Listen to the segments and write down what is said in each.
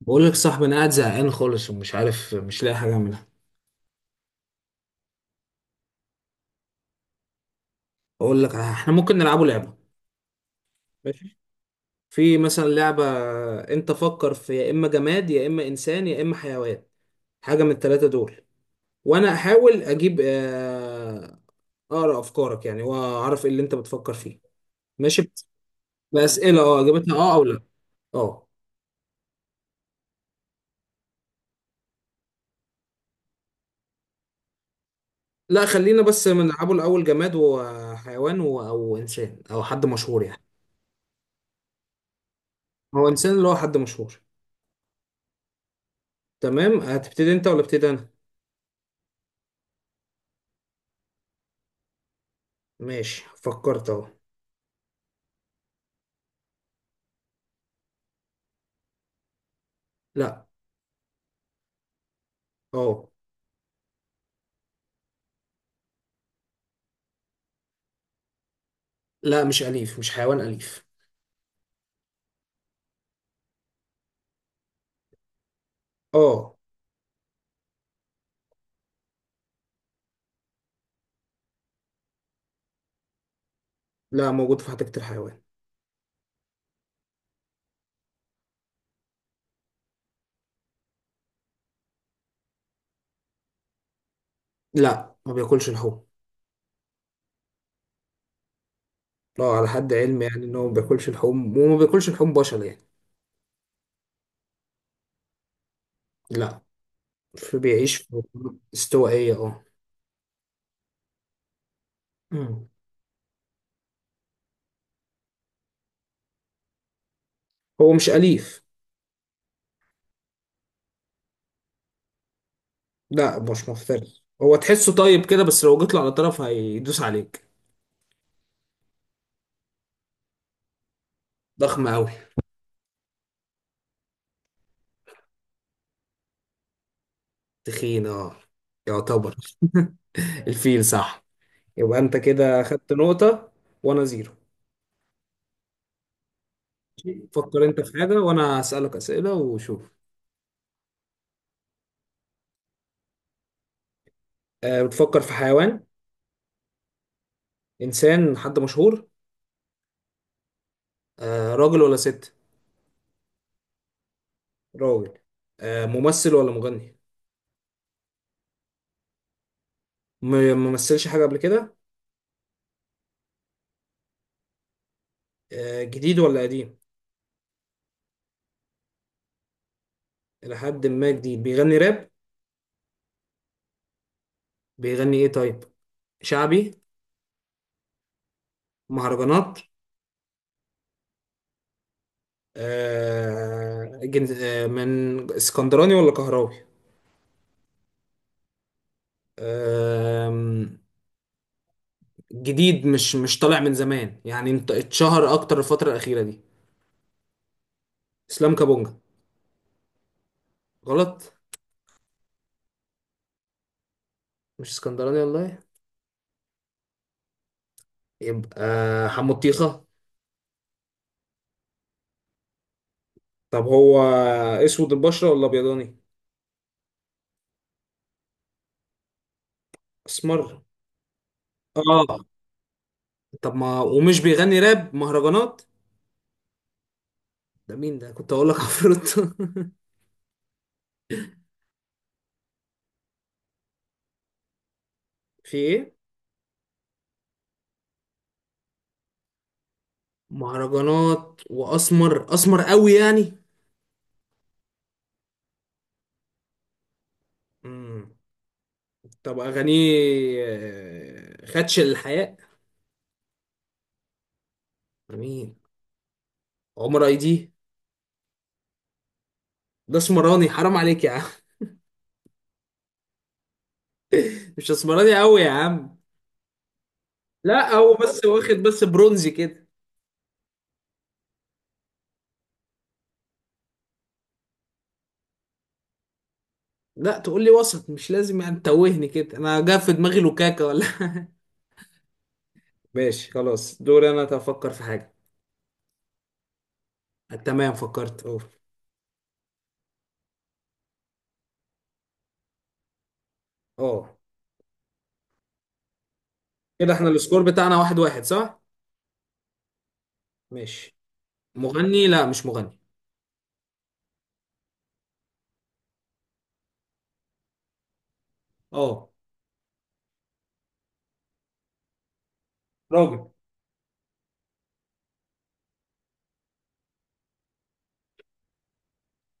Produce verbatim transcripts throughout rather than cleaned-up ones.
بقول لك يا صاحبي، انا قاعد زهقان خالص ومش عارف، مش لاقي حاجه اعملها. اقول لك احنا ممكن نلعبوا لعبه. ماشي. في مثلا لعبه. انت فكر في يا اما جماد يا اما انسان يا اما حيوان، حاجه من الثلاثه دول، وانا احاول اجيب آه، اقرا افكارك يعني واعرف ايه اللي انت بتفكر فيه. ماشي. باسئله اه اجابتها اه او لا. اه. لا، خلينا بس نلعبوا الاول جماد وحيوان و- او انسان او حد مشهور يعني. هو انسان اللي هو حد مشهور. تمام، هتبتدي انت ولا ابتدي انا؟ ماشي، فكرت اهو. لا. اه. لا، مش أليف، مش حيوان أليف. اه. لا، موجود في حديقة الحيوان. لا، ما بياكلش لحوم. اه، على حد علمي يعني ان هو ما بياكلش لحوم وما بياكلش لحوم بشر يعني. لا. فبيعيش في مناطق استوائية اه. مم. هو مش أليف. لا، مش مفترس، هو تحسه طيب كده بس لو جيت له على طرف هيدوس عليك. ضخم أوي. تخين اه، يعتبر. الفيل صح. يبقى انت كده خدت نقطة، وانا زيرو. فكر انت في حاجة وانا هسألك اسئلة وشوف. أه، بتفكر في حيوان؟ انسان، حد مشهور. أه، راجل ولا ست؟ راجل. أه، ممثل ولا مغني؟ م- ممثلش حاجة قبل كده؟ أه، جديد ولا قديم؟ الى حد ما جديد، بيغني راب؟ بيغني ايه طيب؟ شعبي؟ مهرجانات؟ أه. جن- آه، من اسكندراني ولا كهراوي؟ أه، جديد، مش مش طالع من زمان يعني، انت اتشهر اكتر الفترة الأخيرة دي. اسلام كابونجا؟ غلط. مش اسكندراني والله. يبقى حمطيخة؟ طب هو اسود البشرة ولا ابيضاني؟ اسمر اه. طب ما ومش بيغني راب مهرجانات، ده مين؟ ده كنت اقول لك عفروت. في ايه؟ مهرجانات، واسمر، اسمر قوي يعني؟ مم. طب اغانيه آه، خدش الحياء؟ مين؟ عمر اي دي؟ ده اسمراني، حرام عليك يا عم. مش اسمراني قوي يا عم. لا، هو بس واخد بس برونزي كده. لا، تقول لي وسط، مش لازم يعني تتوهني كده، انا جا في دماغي لوكاكا ولا ماشي خلاص، دوري انا افكر في حاجه. تمام، فكرت اه. اه. كده احنا السكور بتاعنا واحد واحد صح؟ ماشي. مغني، لا مش مغني. اه. راجل.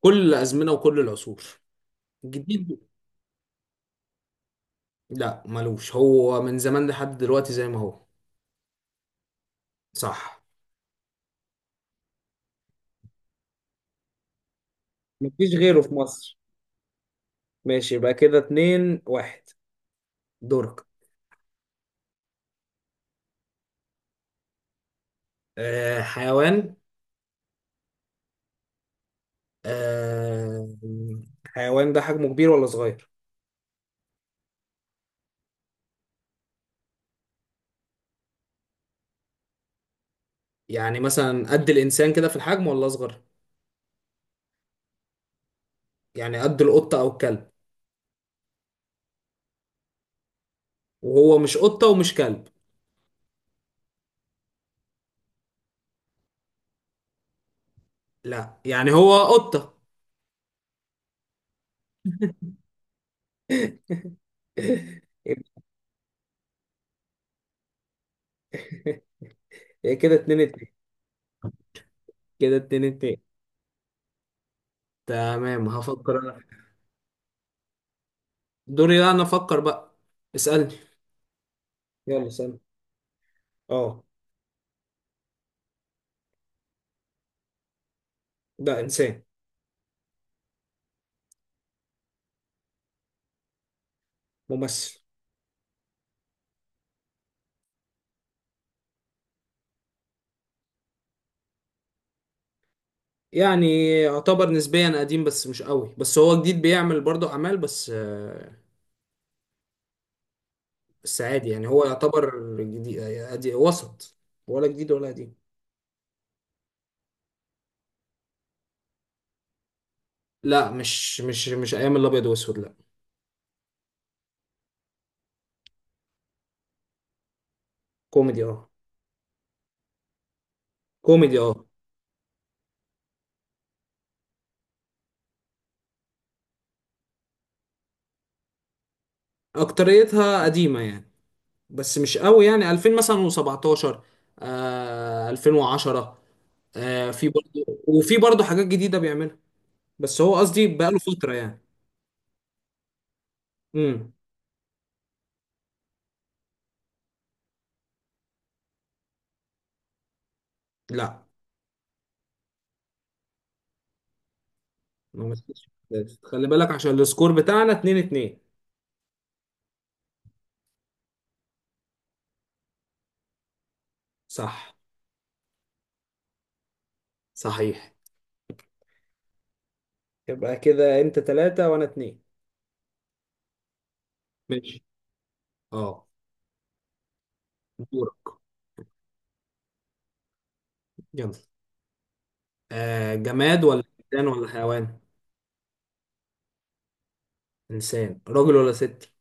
كل الازمنه وكل العصور، جديد. لا، ملوش، هو من زمان لحد دلوقتي زي ما هو. صح. مفيش غيره في مصر. ماشي، يبقى كده اتنين واحد. دورك. آه، حيوان. آه، حيوان ده حجمه كبير ولا صغير؟ يعني مثلا قد الانسان كده في الحجم ولا اصغر؟ يعني قد القطه او الكلب؟ وهو مش قطه ومش كلب؟ لا، يعني هو قطه. يبقى كده اتنين اتنين. كده اتنين اتنين. تمام، هفكر انا. دوري، لا انا افكر بقى. اسالني. يلا اسالني. اه. ده انسان. ممثل. يعني يعتبر نسبيا قديم بس مش قوي، بس هو جديد بيعمل برضه اعمال، بس آه، بس عادي يعني، هو يعتبر جديد آه، عادي- وسط، ولا جديد ولا قديم. لا، مش مش مش ايام الابيض واسود لا. كوميدي اه. كوميدي اه. اكتريتها قديمة يعني، بس مش قوي، يعني ألفين مثلا و17، آه ألفين وعشرة، آه في برضه وفي برضه حاجات جديدة بيعملها. بس هو قصدي بقاله فترة يعني. امم. لا، ما مسكتش. خلي بالك عشان السكور بتاعنا اتنين اتنين. صح. صحيح. يبقى كده انت ثلاثة وانا اتنين. ماشي. اه. دورك. يلا. آه، جماد ولا انسان ولا حيوان؟ انسان، راجل ولا ست؟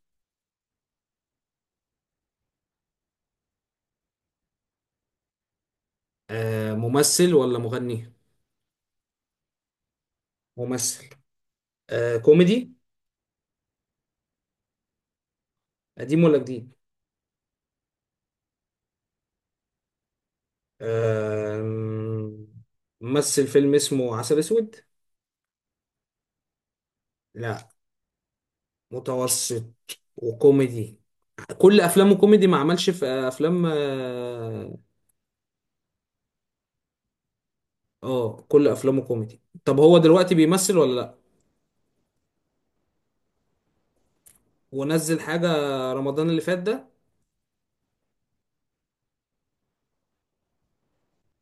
آه، ممثل ولا مغني؟ ممثل. آه، كوميدي؟ قديم ولا جديد؟ آه، ممثل فيلم اسمه عسل اسود؟ لا، متوسط، وكوميدي، كل افلامه كوميدي، ما عملش في افلام اه. آه، كل افلامه كوميدي، طب هو دلوقتي بيمثل ولا لا؟ ونزل حاجة رمضان اللي فات ده؟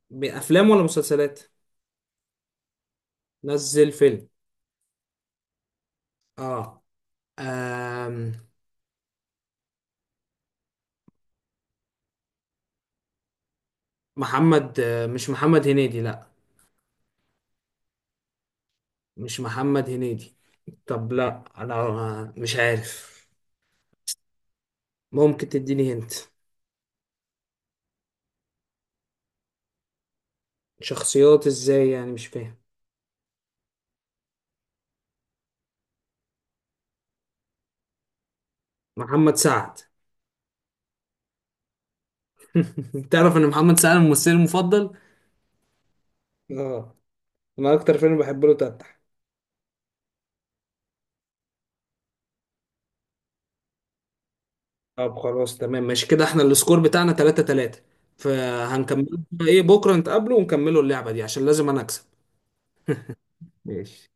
بافلام ولا مسلسلات؟ نزل فيلم. اه. آم، محمد آه، مش محمد هنيدي لا. مش محمد هنيدي. طب لا انا مش عارف. ممكن تديني هنت. شخصيات ازاي يعني مش فاهم؟ محمد سعد. تعرف ان محمد سعد ممثلي المفضل؟ اه. انا اكتر فيلم بحب له تفتح. طب خلاص تمام ماشي، كده احنا السكور بتاعنا تلاتة تلاتة. فهنكمل ايه بكره، نتقابله ونكملوا اللعبة دي عشان لازم انا اكسب. ماشي.